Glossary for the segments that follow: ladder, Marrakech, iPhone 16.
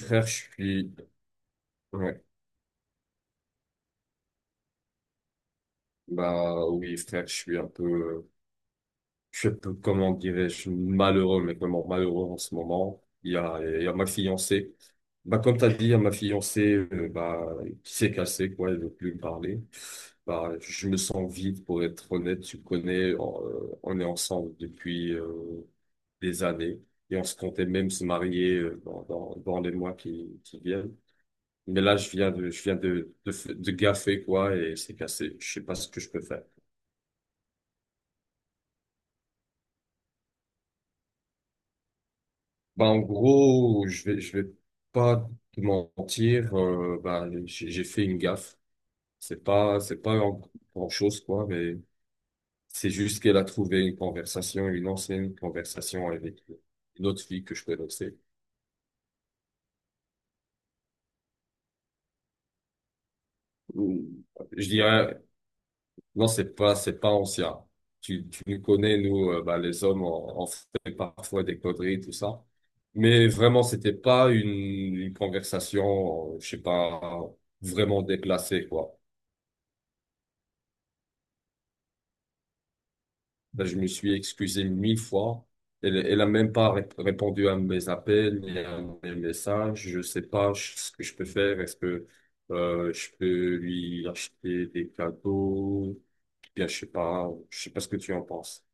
Frère, je suis, ouais, bah oui, frère, je suis un peu, comment dirais-je, malheureux, mais vraiment malheureux en ce moment. Il y a ma fiancée. Bah, comme t'as dit, il y a ma fiancée, bah, qui s'est cassée, quoi, elle veut plus me parler. Bah, je me sens vide, pour être honnête, tu connais, on est ensemble depuis, des années. Et on se comptait même se marier dans, les mois qui viennent. Mais là, de gaffer, quoi, et c'est cassé. Je sais pas ce que je peux faire. Bah, en gros, je vais pas te mentir, bah, j'ai fait une gaffe. C'est pas grand chose, quoi, mais c'est juste qu'elle a trouvé une conversation, une ancienne conversation avec une autre fille que je connaissais. Je dirais. Non, c'est pas ancien. Tu nous connais, nous, bah, les hommes, on fait parfois des conneries, tout ça. Mais vraiment, c'était pas une conversation, je sais pas, vraiment déplacée, quoi. Là, je me suis excusé 1000 fois. Elle, elle a même pas répondu à mes appels, ni à mes messages. Je sais pas ce que je peux faire. Est-ce que, je peux lui acheter des cadeaux? Bien, je sais pas. Je sais pas ce que tu en penses.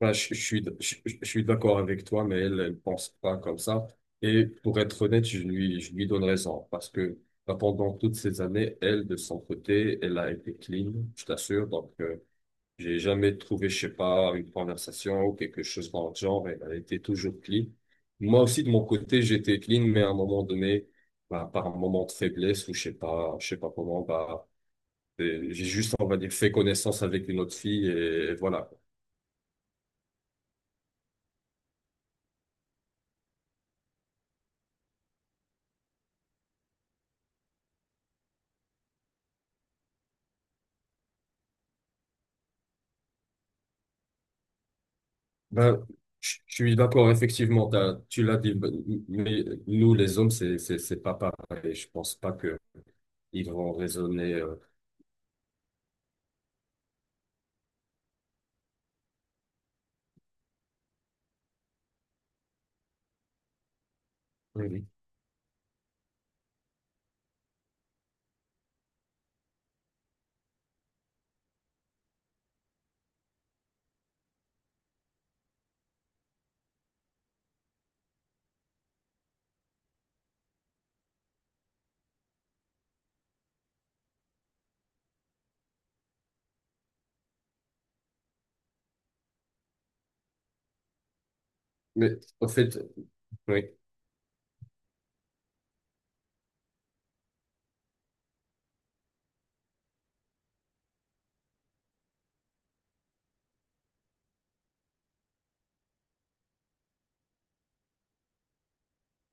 Bah, je suis d'accord avec toi, mais elle ne pense pas comme ça. Et pour être honnête, je lui donne raison parce que bah, pendant toutes ces années, elle, de son côté, elle a été clean, je t'assure. Donc, j'ai jamais trouvé, je sais pas, une conversation ou quelque chose dans le genre. Elle, elle était toujours clean. Moi aussi, de mon côté, j'étais clean, mais à un moment donné, bah, par un moment de faiblesse ou je sais pas comment, bah, j'ai juste, on va dire, fait connaissance avec une autre fille et voilà. Ben, je suis d'accord, effectivement, tu l'as dit, ben, mais nous, les hommes, c'est pas pareil. Je pense pas que ils vont raisonner. Mhm. Mais en fait, oui,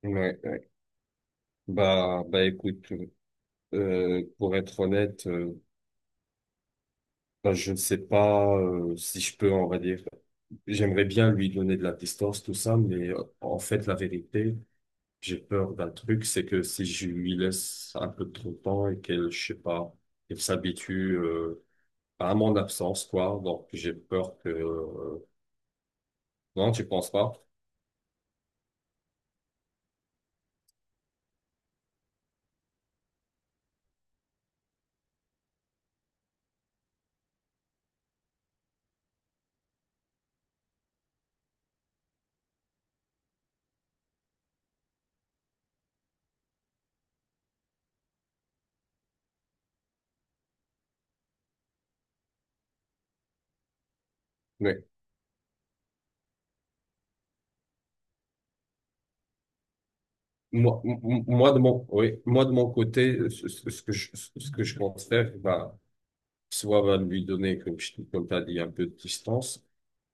oui, oui. Bah, écoute, pour être honnête, ben, je ne sais pas si je peux, on va dire. J'aimerais bien lui donner de la distance, tout ça, mais en fait, la vérité, j'ai peur d'un truc, c'est que si je lui laisse un peu trop de temps et qu'elle, je sais pas, elle s'habitue, à mon absence, quoi. Donc, j'ai peur que Non, tu penses pas. Mais moi, moi, oui, moi, de mon côté, ce que je compte faire, bah, soit va lui donner, comme tu as dit, un peu de distance,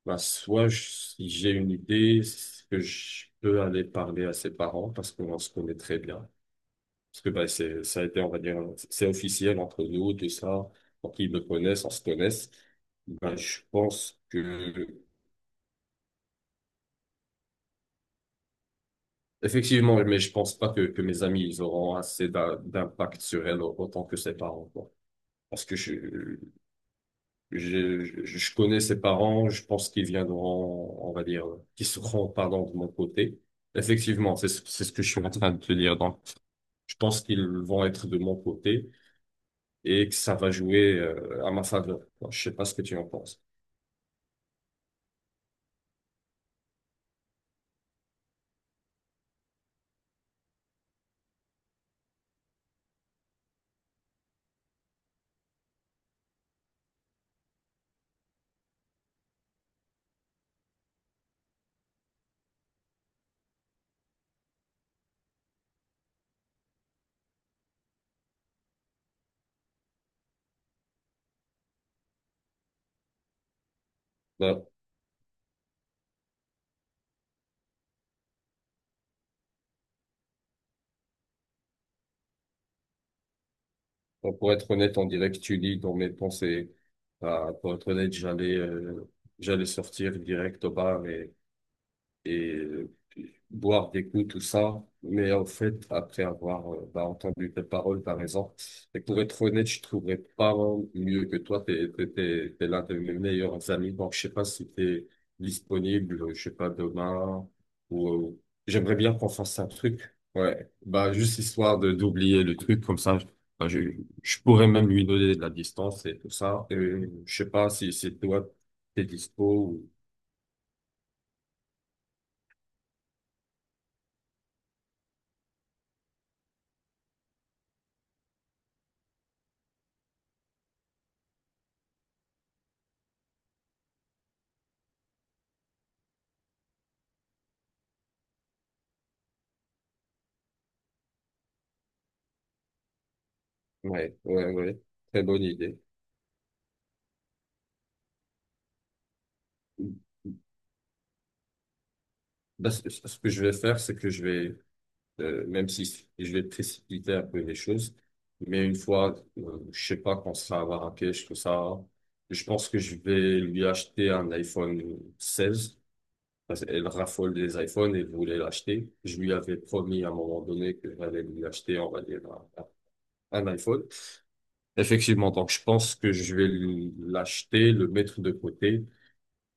bah, soit si j'ai une idée, ce que je peux aller parler à ses parents parce qu'on se connaît très bien. Parce que bah, ça a été, on va dire, c'est officiel entre nous, tout ça. Pour qu'ils me connaissent, on se connaisse. Ben, je pense que. Effectivement, mais je pense pas que mes amis ils auront assez d'impact sur elle autant que ses parents, quoi. Parce que je connais ses parents, je pense qu'ils viendront, on va dire, qu'ils seront, pardon, de mon côté. Effectivement, c'est ce que je suis en train de te dire. Donc, je pense qu'ils vont être de mon côté et que ça va jouer à ma faveur, quoi. Je sais pas ce que tu en penses. Bah, donc, pour être honnête, on dirait que tu lis dans mes pensées. Bah, pour être honnête, j'allais sortir direct au bar et boire des coups, tout ça. Mais en fait, après avoir bah, entendu tes paroles, t'as raison. Et pour être honnête, je trouverais pas mieux que toi. T'es l'un de mes meilleurs amis. Donc, je sais pas si t'es disponible, je sais pas, demain, ou j'aimerais bien qu'on fasse un truc. Ouais, bah, juste histoire de d'oublier le truc, comme ça, bah, je pourrais même lui donner de la distance et tout ça. Et je sais pas si c'est toi, t'es dispo ou. Ouais, ouais, ouais. Très bonne idée. Bah, ce que je vais faire, c'est que je vais, même si je vais précipiter un peu les choses, mais une fois, je sais pas, qu'on sera à Marrakech, tout ça, je pense que je vais lui acheter un iPhone 16, parce qu'elle raffole des iPhones et voulait l'acheter. Je lui avais promis à un moment donné que j'allais lui acheter, on va dire, un iPhone. Effectivement, donc je pense que je vais l'acheter, le mettre de côté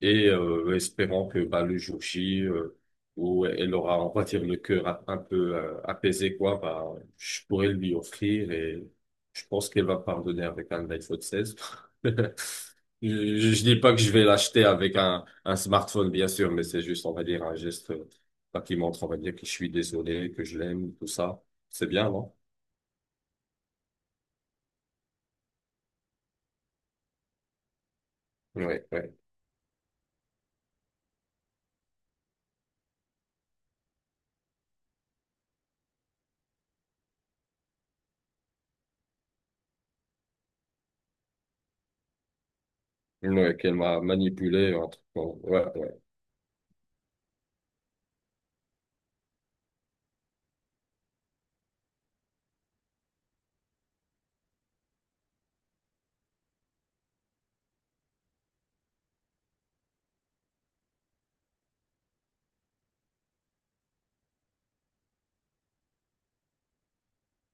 et espérant que bah, le jour J, où elle aura, on va dire, le cœur un peu apaisé, quoi, bah, je pourrais lui offrir et je pense qu'elle va pardonner avec un iPhone seize. Je, je dis pas que je vais l'acheter avec un smartphone, bien sûr, mais c'est juste, on va dire, un geste bah, qui montre, on va dire, que je suis désolé, que je l'aime, tout ça. C'est bien, non? Ouais, ouais. Ouais, qu'elle m'a manipulé, un truc. Ouais, ouais.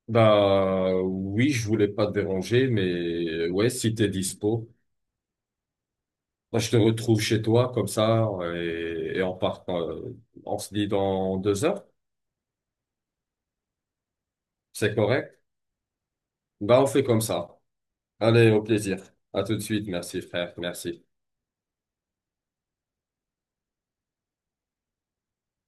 Bah oui, je voulais pas te déranger, mais ouais, si t'es dispo, bah, je te retrouve chez toi comme ça et on part, on se dit dans 2 heures, c'est correct? Bah on fait comme ça. Allez, au plaisir. À tout de suite. Merci frère. Merci.